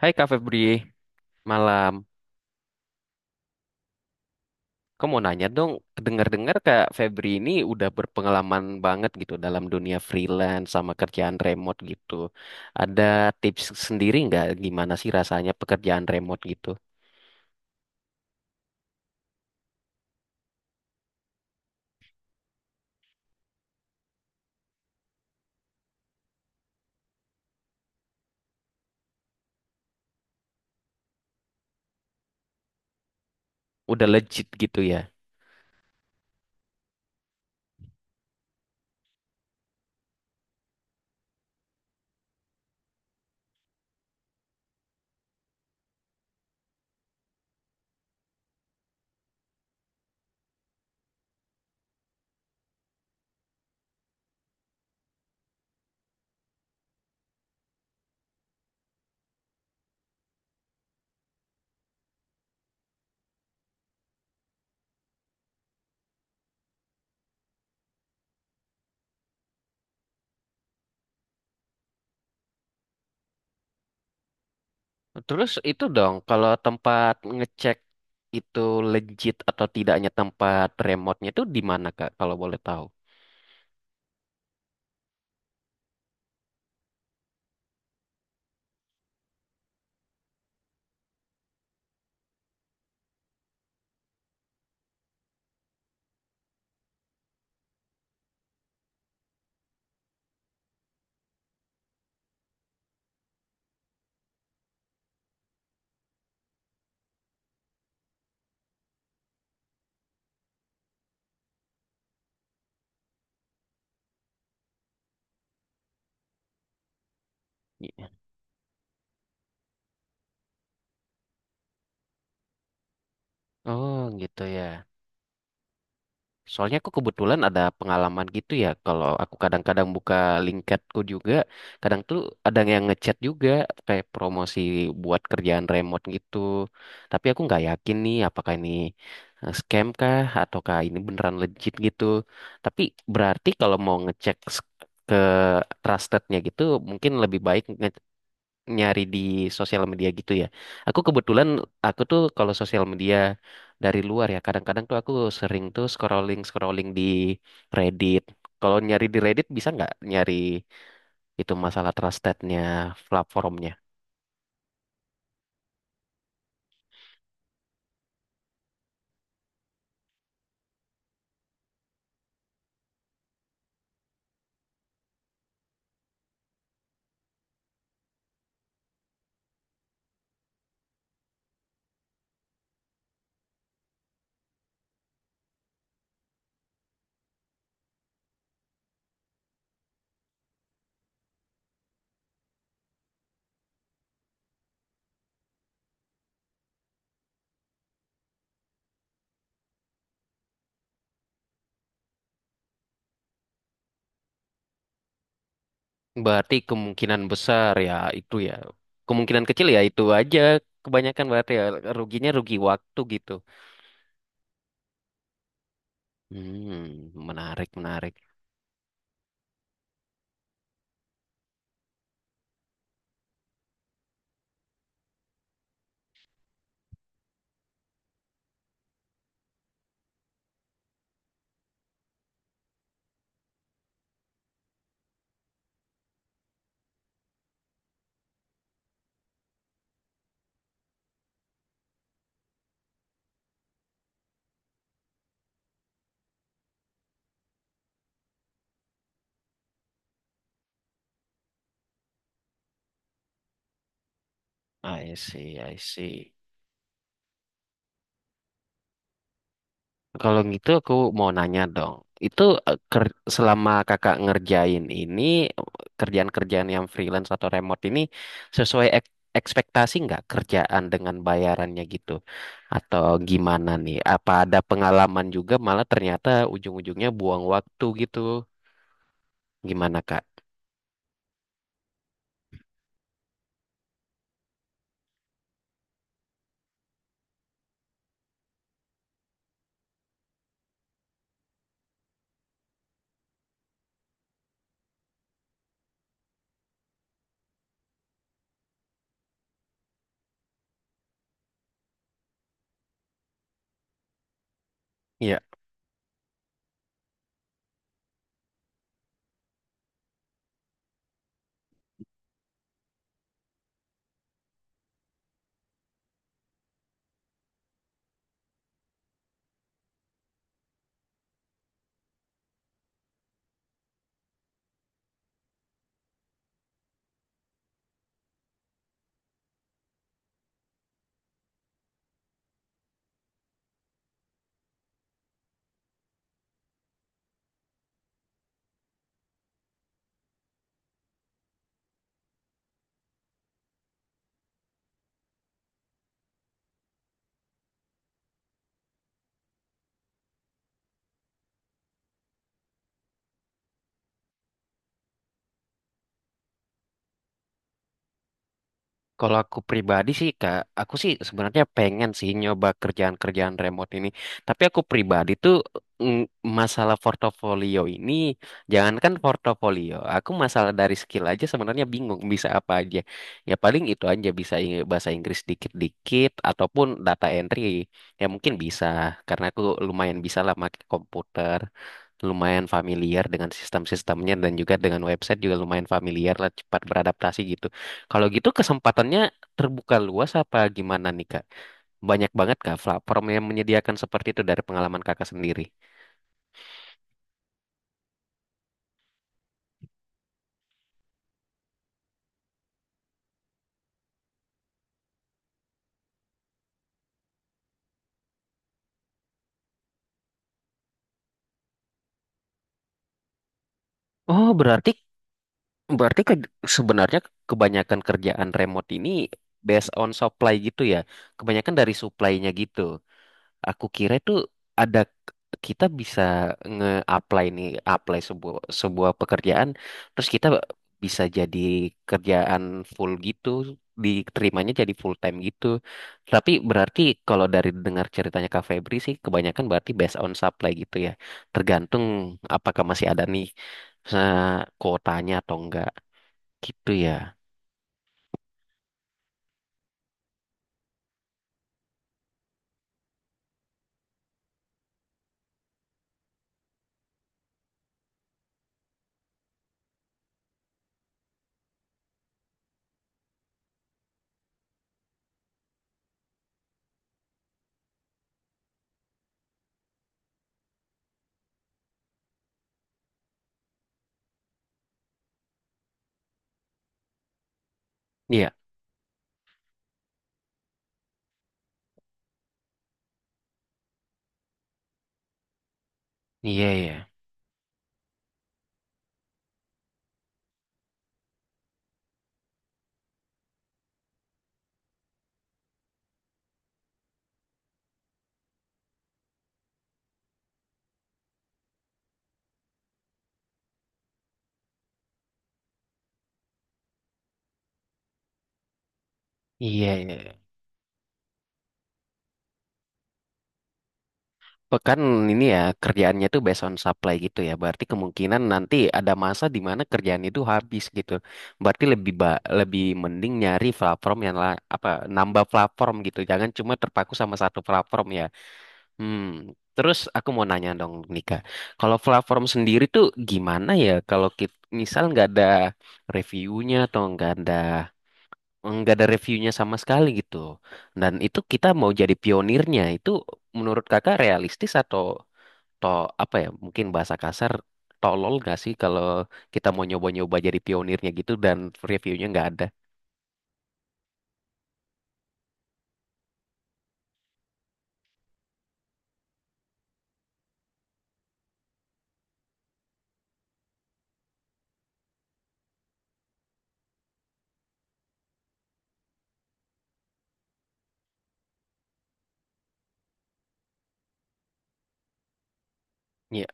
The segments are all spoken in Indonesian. Hai Kak Febri, malam. Kamu mau nanya dong, dengar-dengar Kak Febri ini udah berpengalaman banget gitu dalam dunia freelance sama kerjaan remote gitu. Ada tips sendiri nggak gimana sih rasanya pekerjaan remote gitu? Udah legit gitu ya. Terus itu dong, kalau tempat ngecek itu legit atau tidaknya tempat remote-nya itu di mana Kak, kalau boleh tahu? Oh gitu ya. Soalnya aku kebetulan ada pengalaman gitu ya, kalau aku kadang-kadang buka LinkedInku juga, kadang tuh ada yang ngechat juga kayak promosi buat kerjaan remote gitu. Tapi aku nggak yakin nih apakah ini scam kah ataukah ini beneran legit gitu. Tapi berarti kalau mau ngecek ke trustednya gitu, mungkin lebih baik nyari di sosial media gitu ya. Aku kebetulan, aku tuh kalau sosial media dari luar ya, kadang-kadang tuh aku sering tuh scrolling scrolling di Reddit. Kalau nyari di Reddit bisa nggak nyari itu masalah trustednya platformnya? Berarti kemungkinan besar ya itu ya. Kemungkinan kecil ya itu aja. Kebanyakan berarti ya ruginya rugi waktu gitu. Hmm, menarik menarik. I see, I see. Kalau gitu aku mau nanya dong. Itu selama kakak ngerjain ini kerjaan-kerjaan yang freelance atau remote ini sesuai ekspektasi nggak kerjaan dengan bayarannya gitu? Atau gimana nih? Apa ada pengalaman juga malah ternyata ujung-ujungnya buang waktu gitu? Gimana Kak? Kalau aku pribadi sih Kak, aku sih sebenarnya pengen sih nyoba kerjaan-kerjaan remote ini. Tapi aku pribadi tuh mm, masalah portofolio ini, jangankan portofolio, aku masalah dari skill aja sebenarnya bingung bisa apa aja. Ya paling itu aja bisa bahasa Inggris dikit-dikit ataupun data entry. Ya mungkin bisa karena aku lumayan bisa lah pakai komputer. Lumayan familiar dengan sistem-sistemnya dan juga dengan website juga lumayan familiar lah cepat beradaptasi gitu. Kalau gitu kesempatannya terbuka luas apa gimana nih Kak? Banyak banget Kak platform yang menyediakan seperti itu dari pengalaman Kakak sendiri. Oh, berarti berarti ke- sebenarnya kebanyakan kerjaan remote ini based on supply gitu ya. Kebanyakan dari supply-nya gitu. Aku kira itu ada kita bisa nge-apply nih, apply sebuah sebuah pekerjaan, terus kita bisa jadi kerjaan full gitu, diterimanya jadi full time gitu. Tapi berarti kalau dari dengar ceritanya Kak Febri sih, kebanyakan berarti based on supply gitu ya. Tergantung apakah masih ada nih eh, kuotanya atau enggak gitu ya. Iya, iya, iya, iya, iya, iya. Pekan ini ya kerjaannya tuh based on supply gitu ya. Berarti kemungkinan nanti ada masa di mana kerjaan itu habis gitu. Berarti lebih mending nyari platform apa nambah platform gitu. Jangan cuma terpaku sama satu platform ya. Hmm. Terus aku mau nanya dong Nika, kalau platform sendiri tuh gimana ya kalau kita misal nggak ada reviewnya atau nggak ada reviewnya sama sekali gitu. Dan itu kita mau jadi pionirnya itu menurut kakak realistis atau to apa ya mungkin bahasa kasar tolol gak sih kalau kita mau nyoba-nyoba jadi pionirnya gitu dan reviewnya nggak ada ya.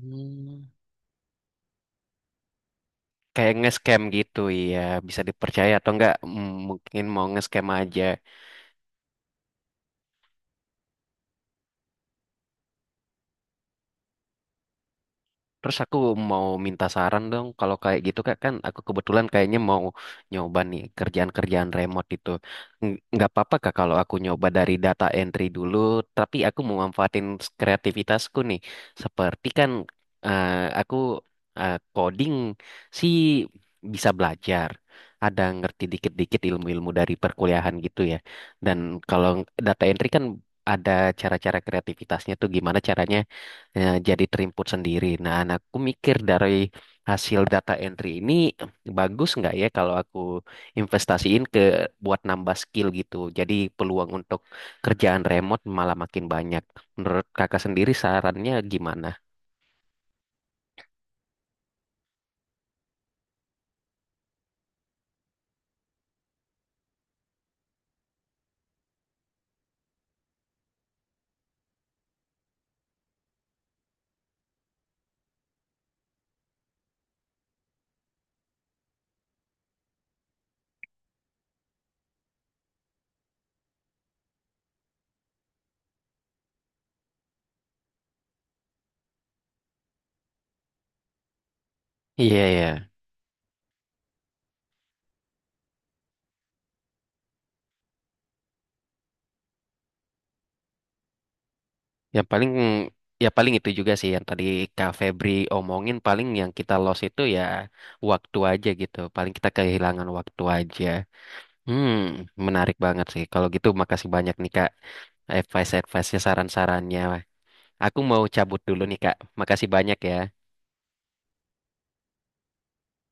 Hmm. Kayak nge-scam gitu ya, bisa dipercaya atau enggak, mungkin mau nge-scam aja. Terus aku mau minta saran dong, kalau kayak gitu kak kan aku kebetulan kayaknya mau nyoba nih kerjaan-kerjaan remote itu. Nggak apa-apa kak kalau aku nyoba dari data entry dulu, tapi aku mau manfaatin kreativitasku nih. Seperti kan eh, aku coding sih bisa belajar, ada ngerti dikit-dikit ilmu-ilmu dari perkuliahan gitu ya. Dan kalau data entry kan ada cara-cara kreativitasnya tuh gimana caranya jadi terimput sendiri. Nah, anakku mikir dari hasil data entry ini bagus nggak ya kalau aku investasiin ke buat nambah skill gitu. Jadi peluang untuk kerjaan remote malah makin banyak. Menurut kakak sendiri sarannya gimana? Iya ya, yang paling ya paling itu juga sih yang tadi Kak Febri omongin paling yang kita lost itu ya waktu aja gitu. Paling kita kehilangan waktu aja. Hmm, menarik banget sih. Kalau gitu makasih banyak nih Kak. Advice-advice-nya, saran-sarannya. Aku mau cabut dulu nih, Kak. Makasih banyak ya.